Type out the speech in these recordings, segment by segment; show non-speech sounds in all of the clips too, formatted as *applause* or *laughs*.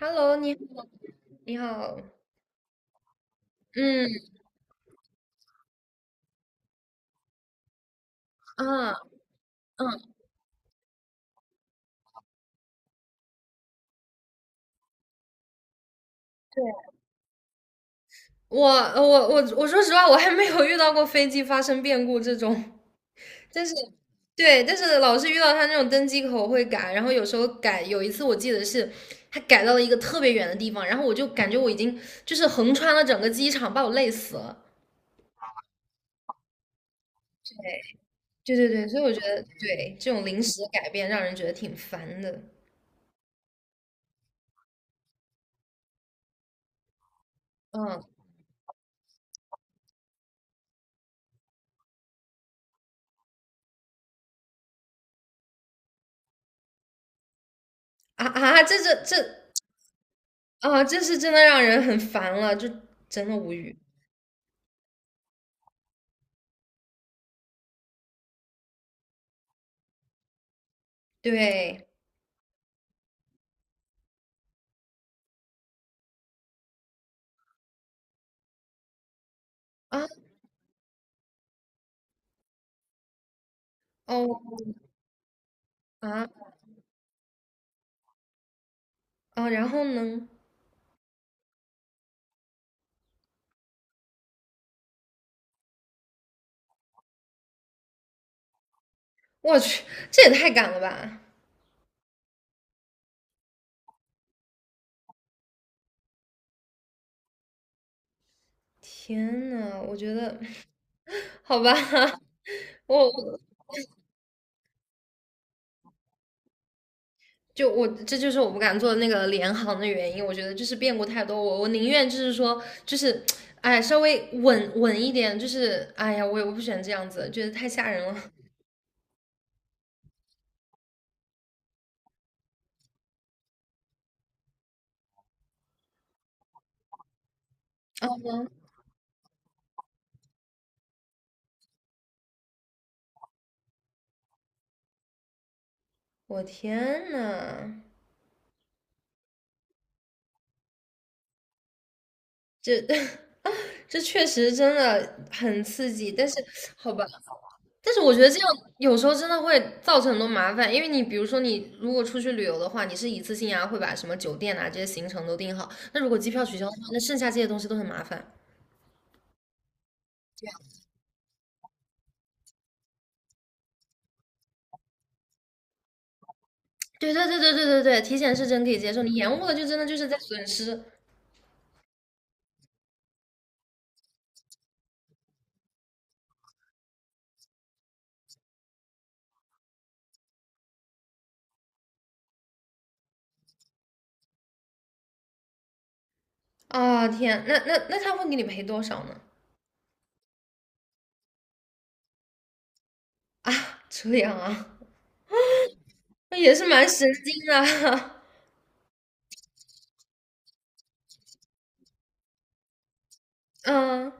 Hello，你好。你好。嗯啊嗯，对。我说实话，我还没有遇到过飞机发生变故这种，但是对。但是老是遇到他那种登机口会改，然后有时候改，有一次我记得是他改到了一个特别远的地方，然后我就感觉我已经就是横穿了整个机场，把我累死了。对对对，所以我觉得对这种临时的改变让人觉得挺烦的。嗯，啊啊，这这这啊，这是真的让人很烦了，就真的无语。对。啊。哦。啊。哦，然后呢？我去，这也太赶了吧！天呐，我觉得，*laughs* 好吧，*laughs* 我我我这就是我不敢做那个联航的原因。我觉得就是变故太多，我宁愿就是说就是，哎，稍微稳一点，就是哎呀，我不喜欢这样子，觉得太吓人了。我天呐，这 *laughs* 这确实真的很刺激，但是好吧。但是我觉得这样有时候真的会造成很多麻烦，因为你比如说你如果出去旅游的话，你是一次性啊会把什么酒店啊这些行程都订好，那如果机票取消的话，那剩下这些东西都很麻烦。对对对对对对对，提前是真可以接受，你延误了就真的就是在损失。啊！天，那他会给你赔多少呢？啊，这样啊，那也是蛮神经的。*laughs* 嗯。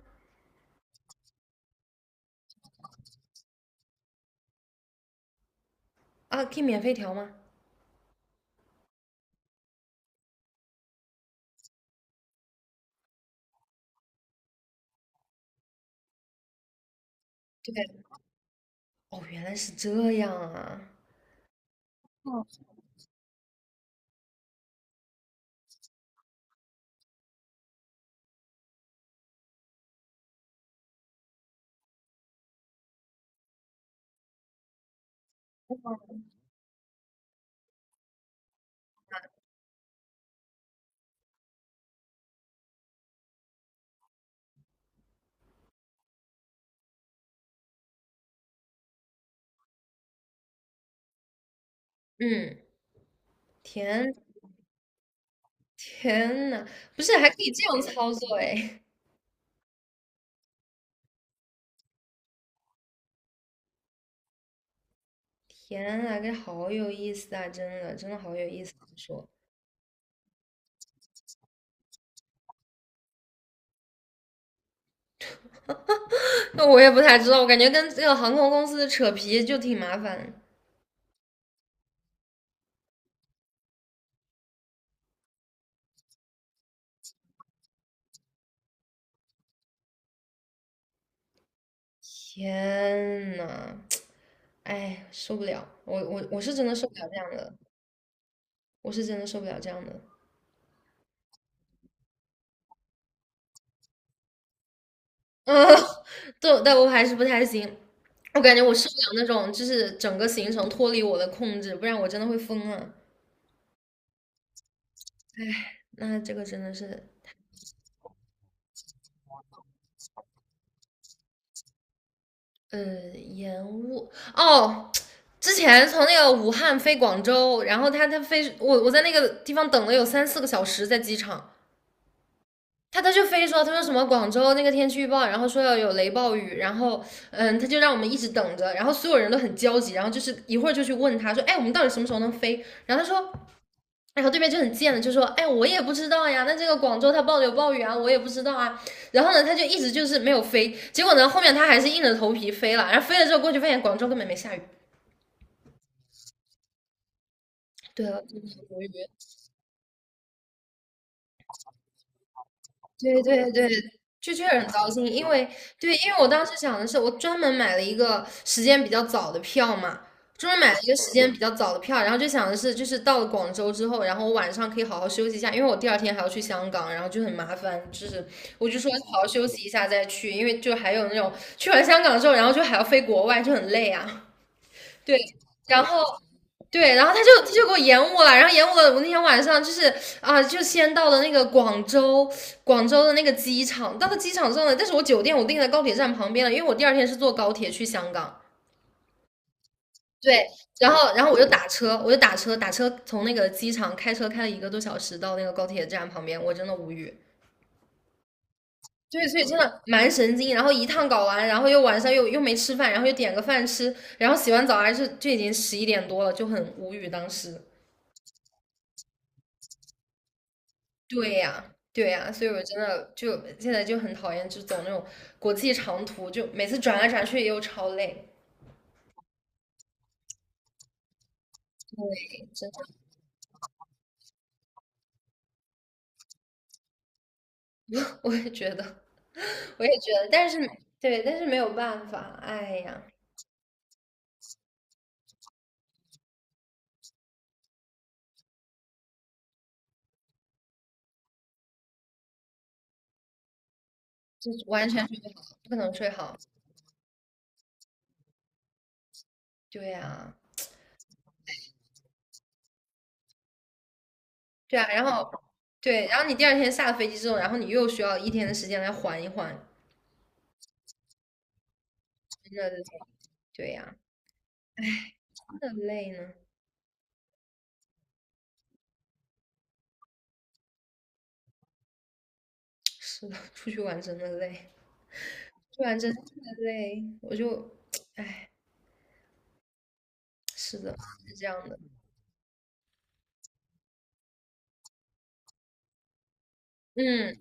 啊，可以免费调吗？对。哦，原来是这样啊。嗯，天天呐，不是还可以这样操作哎！*laughs* 天呐，这好有意思啊！真的，真的好有意思啊。说，*laughs* 那我也不太知道，我感觉跟这个航空公司扯皮就挺麻烦。天呐，*tsk* 哎，受不了！我是真的受不了这样的，我是真的受不了这样的。嗯。*laughs* 对，但我还是不太行。我感觉我受不了那种，就是整个行程脱离我的控制，不然我真的会疯了。那这个真的是呃，延误哦。之前从那个武汉飞广州，然后他飞我在那个地方等了有3~4个小时，在机场。他就非说他说什么广州那个天气预报，然后说要有雷暴雨，然后他就让我们一直等着，然后所有人都很焦急，然后就是一会儿就去问他说，哎我们到底什么时候能飞？然后他说，然后对面就很贱的就说：“哎，我也不知道呀，那这个广州它报的有暴雨啊，我也不知道啊。”然后呢，他就一直就是没有飞，结果呢，后面他还是硬着头皮飞了，然后飞了之后过去发现广州根本没下雨。对啊，真的无语。对对对，就确实很糟心，因为对，因为我当时想的是，我专门买了一个时间比较早的票嘛，专门买了一个时间比较早的票，然后就想的是，就是到了广州之后，然后我晚上可以好好休息一下，因为我第二天还要去香港，然后就很麻烦，就是我就说好好休息一下再去，因为就还有那种去完香港之后，然后就还要飞国外，就很累啊。对，然后。对，然后他就给我延误了，然后延误了。我那天晚上就是就先到了那个广州的那个机场。到了机场之后呢，但是我酒店我订在高铁站旁边了，因为我第二天是坐高铁去香港。对。然后我就打车，我就打车，打车从那个机场开车开了1个多小时到那个高铁站旁边，我真的无语。对，所以真的蛮神经。然后一趟搞完，然后又晚上又没吃饭，然后又点个饭吃，然后洗完澡还是就已经11点多了，就很无语当时。对呀，对呀，所以我真的就现在就很讨厌，就走那种国际长途，就每次转来转去又超累。对，真的，*laughs* 我也觉得，我也觉得，但是对，但是没有办法，哎呀，就是完全是不可能睡好。对呀，对啊，然后对，然后你第二天下了飞机之后，然后你又需要一天的时间来缓一缓，真的累。对呀，真的累呢。是的，出去玩真的累，出去玩真的累，我就，哎，是的，是这样的。嗯。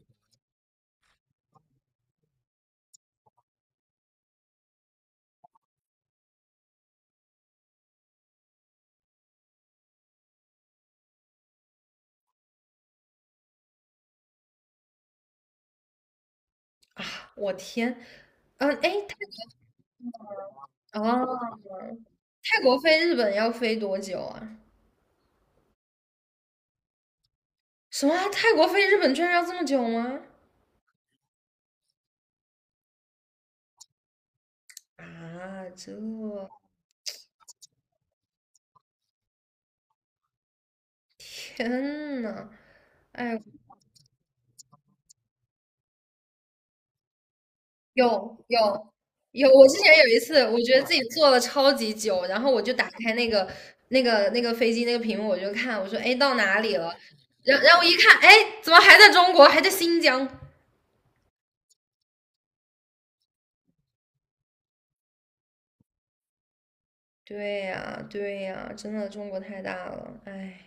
啊，我天。嗯。哎，哦，泰国飞日本要飞多久啊？什么啊泰国飞日本居然要这么久吗？啊，这，天呐，哎，有有有。我之前有一次，我觉得自己坐了超级久，然后我就打开那个飞机那个屏幕，我就看，我说，哎，到哪里了？然后我一看，哎，怎么还在中国，还在新疆？对呀，对呀，真的中国太大了，哎。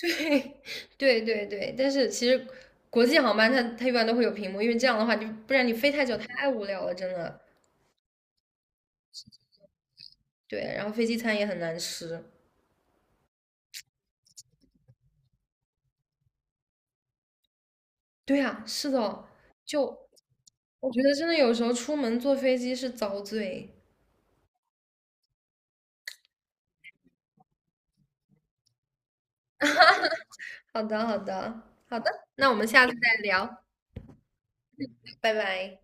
对。*laughs* 对对对，但是其实国际航班它一般都会有屏幕，因为这样的话就不然你飞太久太无聊了，真的。对，然后飞机餐也很难吃。对呀，是的。就我觉得真的有时候出门坐飞机是遭罪。好的，好的，好的，那我们下次再聊，拜拜。